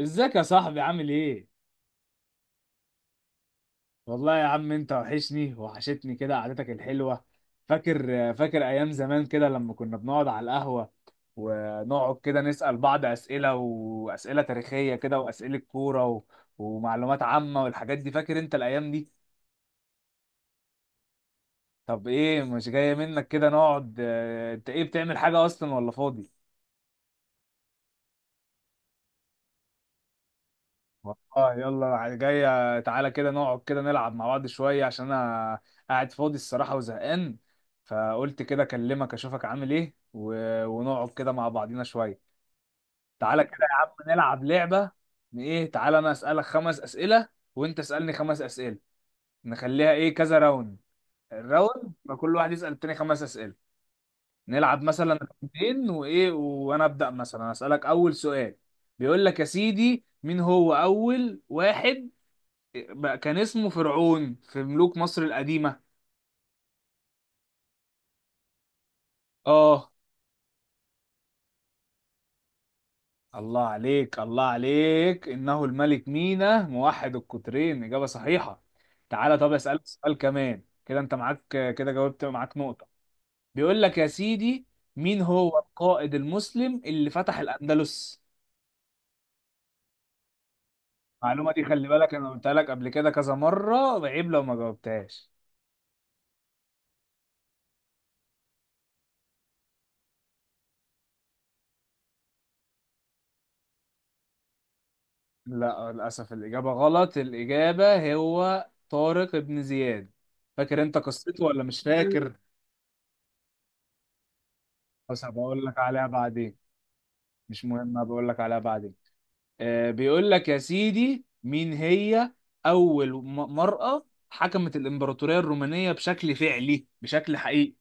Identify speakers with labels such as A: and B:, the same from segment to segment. A: ازيك يا صاحبي، عامل ايه؟ والله يا عم، انت وحشتني، كده قعدتك الحلوة. فاكر ايام زمان كده، لما كنا بنقعد على القهوة، ونقعد كده نسأل بعض اسئلة، واسئلة تاريخية كده، واسئلة كورة ومعلومات عامة والحاجات دي، فاكر انت الايام دي؟ طب ايه، مش جاية منك كده نقعد؟ اه، انت ايه بتعمل حاجة اصلا ولا فاضي؟ اه، يلا جاية. تعالى كده نقعد كده نلعب مع بعض شوية، عشان انا قاعد فاضي الصراحة وزهقان، فقلت كده اكلمك اشوفك عامل ايه ونقعد كده مع بعضينا شوية. تعالى كده يا عم، نلعب لعبة. إن ايه، تعالى انا اسألك خمس اسئلة وانت اسألني خمس اسئلة. نخليها ايه، كذا راوند. الراوند يبقى كل واحد يسأل التاني خمس اسئلة. نلعب مثلا راوندين، وايه، وانا ابدأ مثلا اسألك اول سؤال. بيقول لك يا سيدي، مين هو اول واحد بقى كان اسمه فرعون في ملوك مصر القديمة؟ اه. الله عليك الله عليك، إنه الملك مينا موحد القطرين، إجابة صحيحة. تعالى، طب أسألك سؤال كمان كده، أنت معاك كده، جاوبت، معاك نقطة. بيقول لك يا سيدي، مين هو القائد المسلم اللي فتح الأندلس؟ المعلومة دي خلي بالك، أنا قلتها لك قبل كده كذا مرة، عيب لو ما جاوبتهاش. لا، للأسف الإجابة غلط، الإجابة هو طارق بن زياد. فاكر أنت قصته، ولا مش فاكر؟ بس هبقول لك عليها بعدين، مش مهم، هبقول لك عليها بعدين. بيقول لك يا سيدي، مين هي أول مرأة حكمت الإمبراطورية الرومانية بشكل فعلي، بشكل حقيقي؟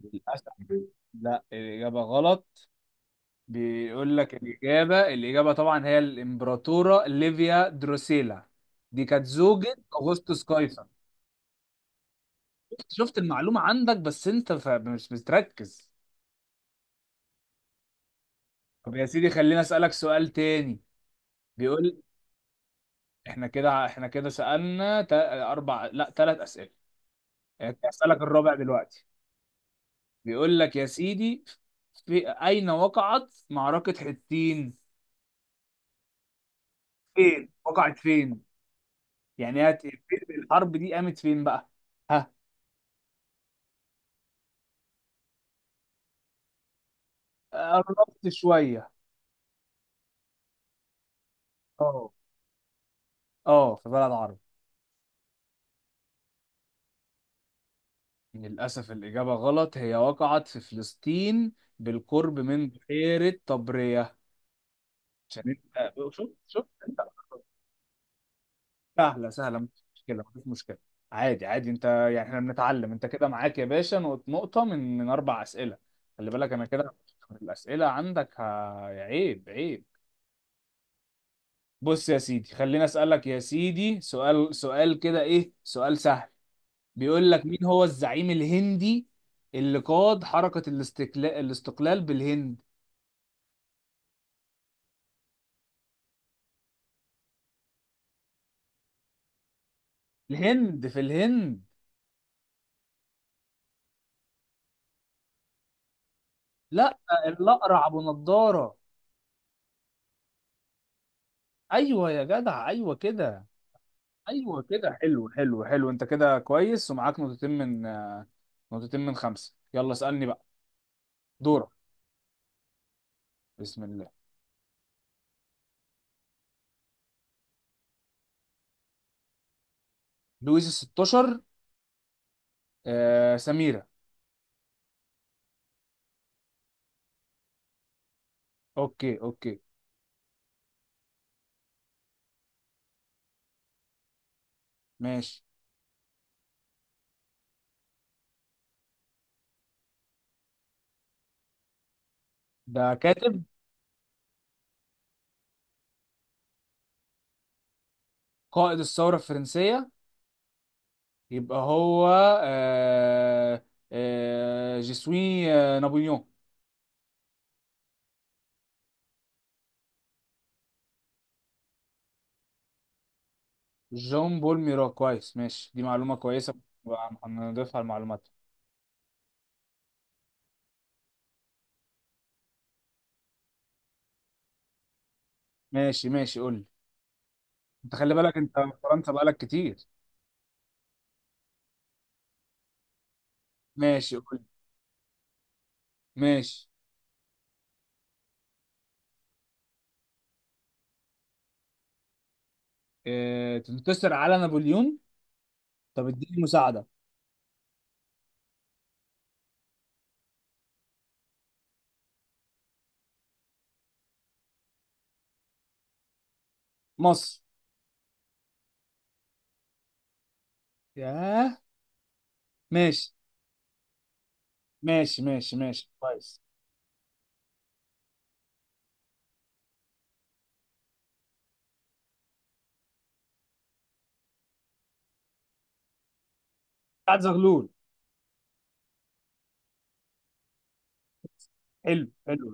A: للأسف، لا، الإجابة غلط. بيقول لك الإجابة طبعا هي الإمبراطورة ليفيا دروسيلا. دي كانت زوجة أغسطس قيصر. شفت المعلومة عندك، بس انت مش بتركز. طب يا سيدي، خليني اسألك سؤال تاني. بيقول، احنا كده سألنا اربع، لا، ثلاث اسئلة. يعني اسألك الرابع دلوقتي. بيقول لك يا سيدي، في اين وقعت معركة حطين؟ فين وقعت، فين؟ يعني الحرب دي قامت فين بقى؟ ها؟ قربت شوية. اه، اه، في بلد عربي. للأسف الإجابة غلط، هي وقعت في فلسطين، بالقرب من بحيرة طبرية. عشان أنت شفت أنت. سهلة سهلة، مفيش مشكلة مفيش مشكلة، عادي عادي، أنت يعني إحنا بنتعلم. أنت كده معاك يا باشا نقطة من أربع أسئلة. خلي بالك أنا كده الأسئلة عندك عيب عيب. بص يا سيدي، خليني أسألك يا سيدي سؤال، سؤال كده إيه، سؤال سهل. بيقول لك، مين هو الزعيم الهندي اللي قاد حركة الاستقلال بالهند؟ الهند، في الهند. لا، الأقرع أبو نضارة. أيوه يا جدع، أيوه كده. أيوه كده، حلو حلو حلو، أنت كده كويس، ومعاك نقطتين من نقطتين من خمسة. يلا اسألني بقى. دورك. بسم الله. لويس ال 16. سميرة. أوكي أوكي، ماشي. ده كاتب. قائد الثورة الفرنسية. يبقى هو، آه جيسوي، نابليون. جون بول ميرا، كويس، ماشي، دي معلومة كويسة، بقى هنضيفها المعلومات. ماشي ماشي، قول لي. انت خلي بالك انت في فرنسا بقالك كتير. ماشي، قول لي. ماشي. اه، تنتصر على نابليون؟ طب اديني مساعدة. مصر. ياه. ماشي ماشي ماشي ماشي، كويس. بتاعت زغلول. حلو حلو.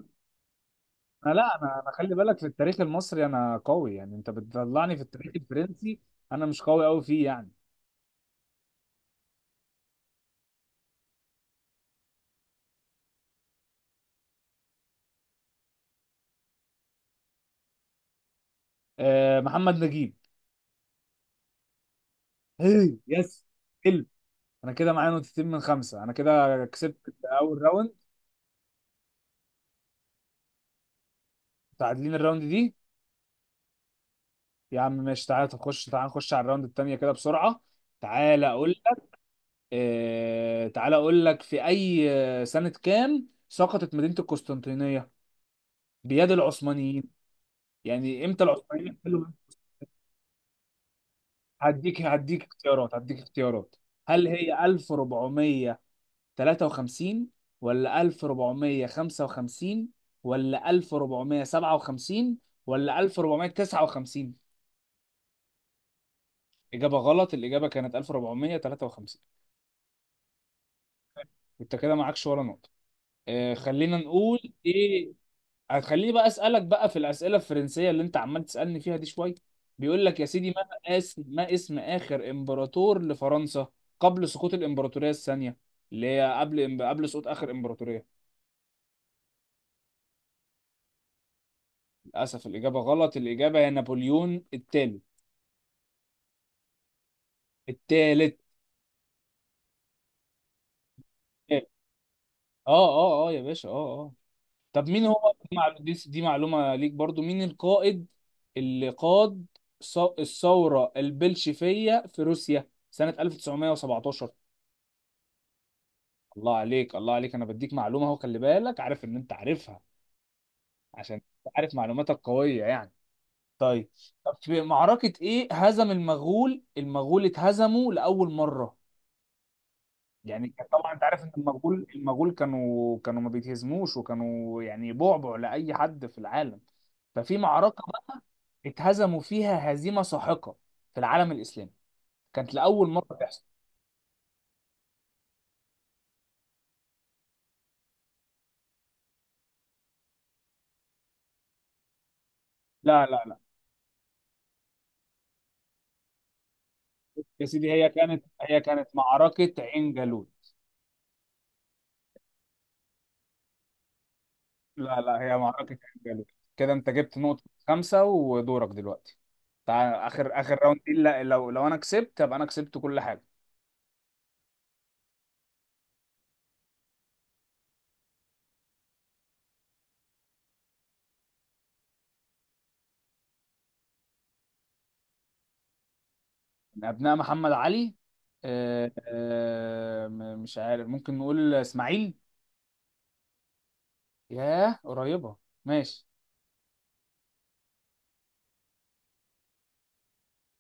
A: انا، لا، انا خلي بالك، في التاريخ المصري انا قوي يعني، انت بتطلعني في التاريخ الفرنسي، انا مش قوي قوي فيه يعني. اه، محمد نجيب. هي، يس، حلو. انا كده معايا نقطتين من خمسة، انا كده كسبت اول راوند. متعادلين الراوند دي. يا عم ماشي، تعالى تخش، تعالى نخش على الراوند التانية كده بسرعة. تعالى اقول لك. تعالى اقول لك في اي سنة كام سقطت مدينة القسطنطينية بيد العثمانيين؟ يعني امتى العثمانيين احتلوا؟ هديك هديك اختيارات، هديك اختيارات. هل هي 1400 تلاتة وخمسين، ولا 1455، ولا 1457، ولا 1459؟ إجابة غلط، الإجابة كانت 1453. أنت كده معكش ولا نقطة. آه، خلينا نقول. إيه. هتخليني بقى أسألك بقى في الأسئلة الفرنسية اللي أنت عمال تسألني فيها دي شوية. بيقول لك يا سيدي، ما اسم آخر إمبراطور لفرنسا قبل سقوط الإمبراطورية الثانية، اللي هي قبل سقوط آخر إمبراطورية. للأسف الإجابة غلط، الإجابة هي نابليون الثالث. التالت. اه اه اه يا باشا، اه اه. طب مين هو، دي دي معلومة ليك برضو. مين القائد اللي قاد الثورة البلشفية في روسيا سنة 1917؟ الله عليك الله عليك، انا بديك معلومة اهو، خلي بالك، عارف ان انت عارفها، عشان أنت عارف معلوماتك قوية يعني. طيب. طب في معركة ايه هزم المغول؟ المغول اتهزموا لأول مرة. يعني كان طبعا انت عارف ان المغول كانوا ما بيتهزموش، وكانوا يعني بعبع لاي حد في العالم. ففي معركه بقى اتهزموا فيها هزيمه ساحقه، في العالم الاسلامي، كانت لاول مره تحصل. لا لا لا، يا سيدي هي كانت معركه عين جالوت. لا لا، هي معركه عين جالوت. كده انت جبت نقطه خمسه، ودورك دلوقتي. تعال، اخر اخر راوند دي، لو انا كسبت ابقى انا كسبت كل حاجه. من ابناء محمد علي. مش عارف، ممكن نقول اسماعيل. ياه، قريبه. ماشي،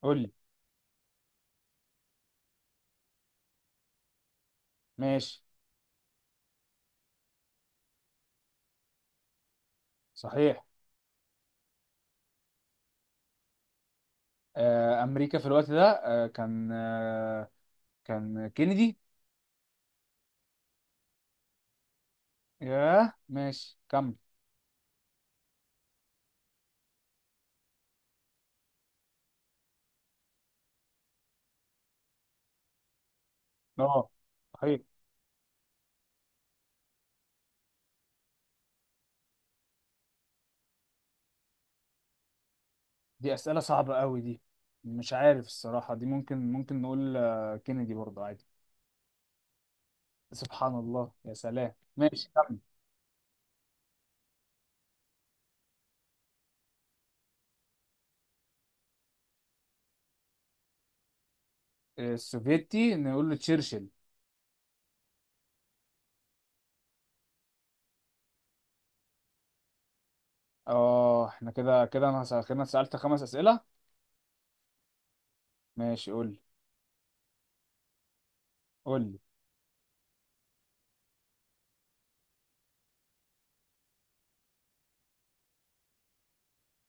A: قول لي. ماشي. صحيح. امريكا في الوقت ده، كان كينيدي. ياه، ماشي كمل. اه، صحيح. دي اسئله صعبه قوي دي. مش عارف الصراحه دي، ممكن نقول كينيدي برضه عادي. سبحان الله، يا سلام، ماشي كمل. السوفيتي، نقول له تشرشل. اه احنا كده، أنا سألت خمس أسئلة. ماشي قول لي. قول لي.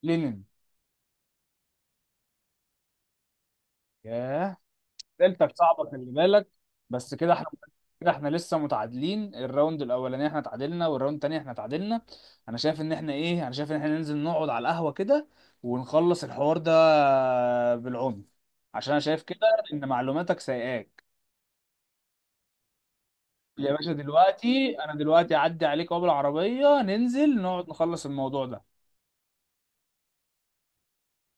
A: لينين. ياه، أسئلتك صعبة خلي بالك. بس كده احنا، كده احنا لسه متعادلين، الراوند الأولاني احنا تعادلنا، والراوند التاني احنا تعادلنا. أنا شايف إن احنا ننزل نقعد على القهوة كده، ونخلص الحوار ده، بالعنف، عشان أنا شايف كده إن معلوماتك سايقاك. يا باشا دلوقتي، أنا دلوقتي أعدي عليك أهو بالعربية، ننزل نقعد نخلص الموضوع ده.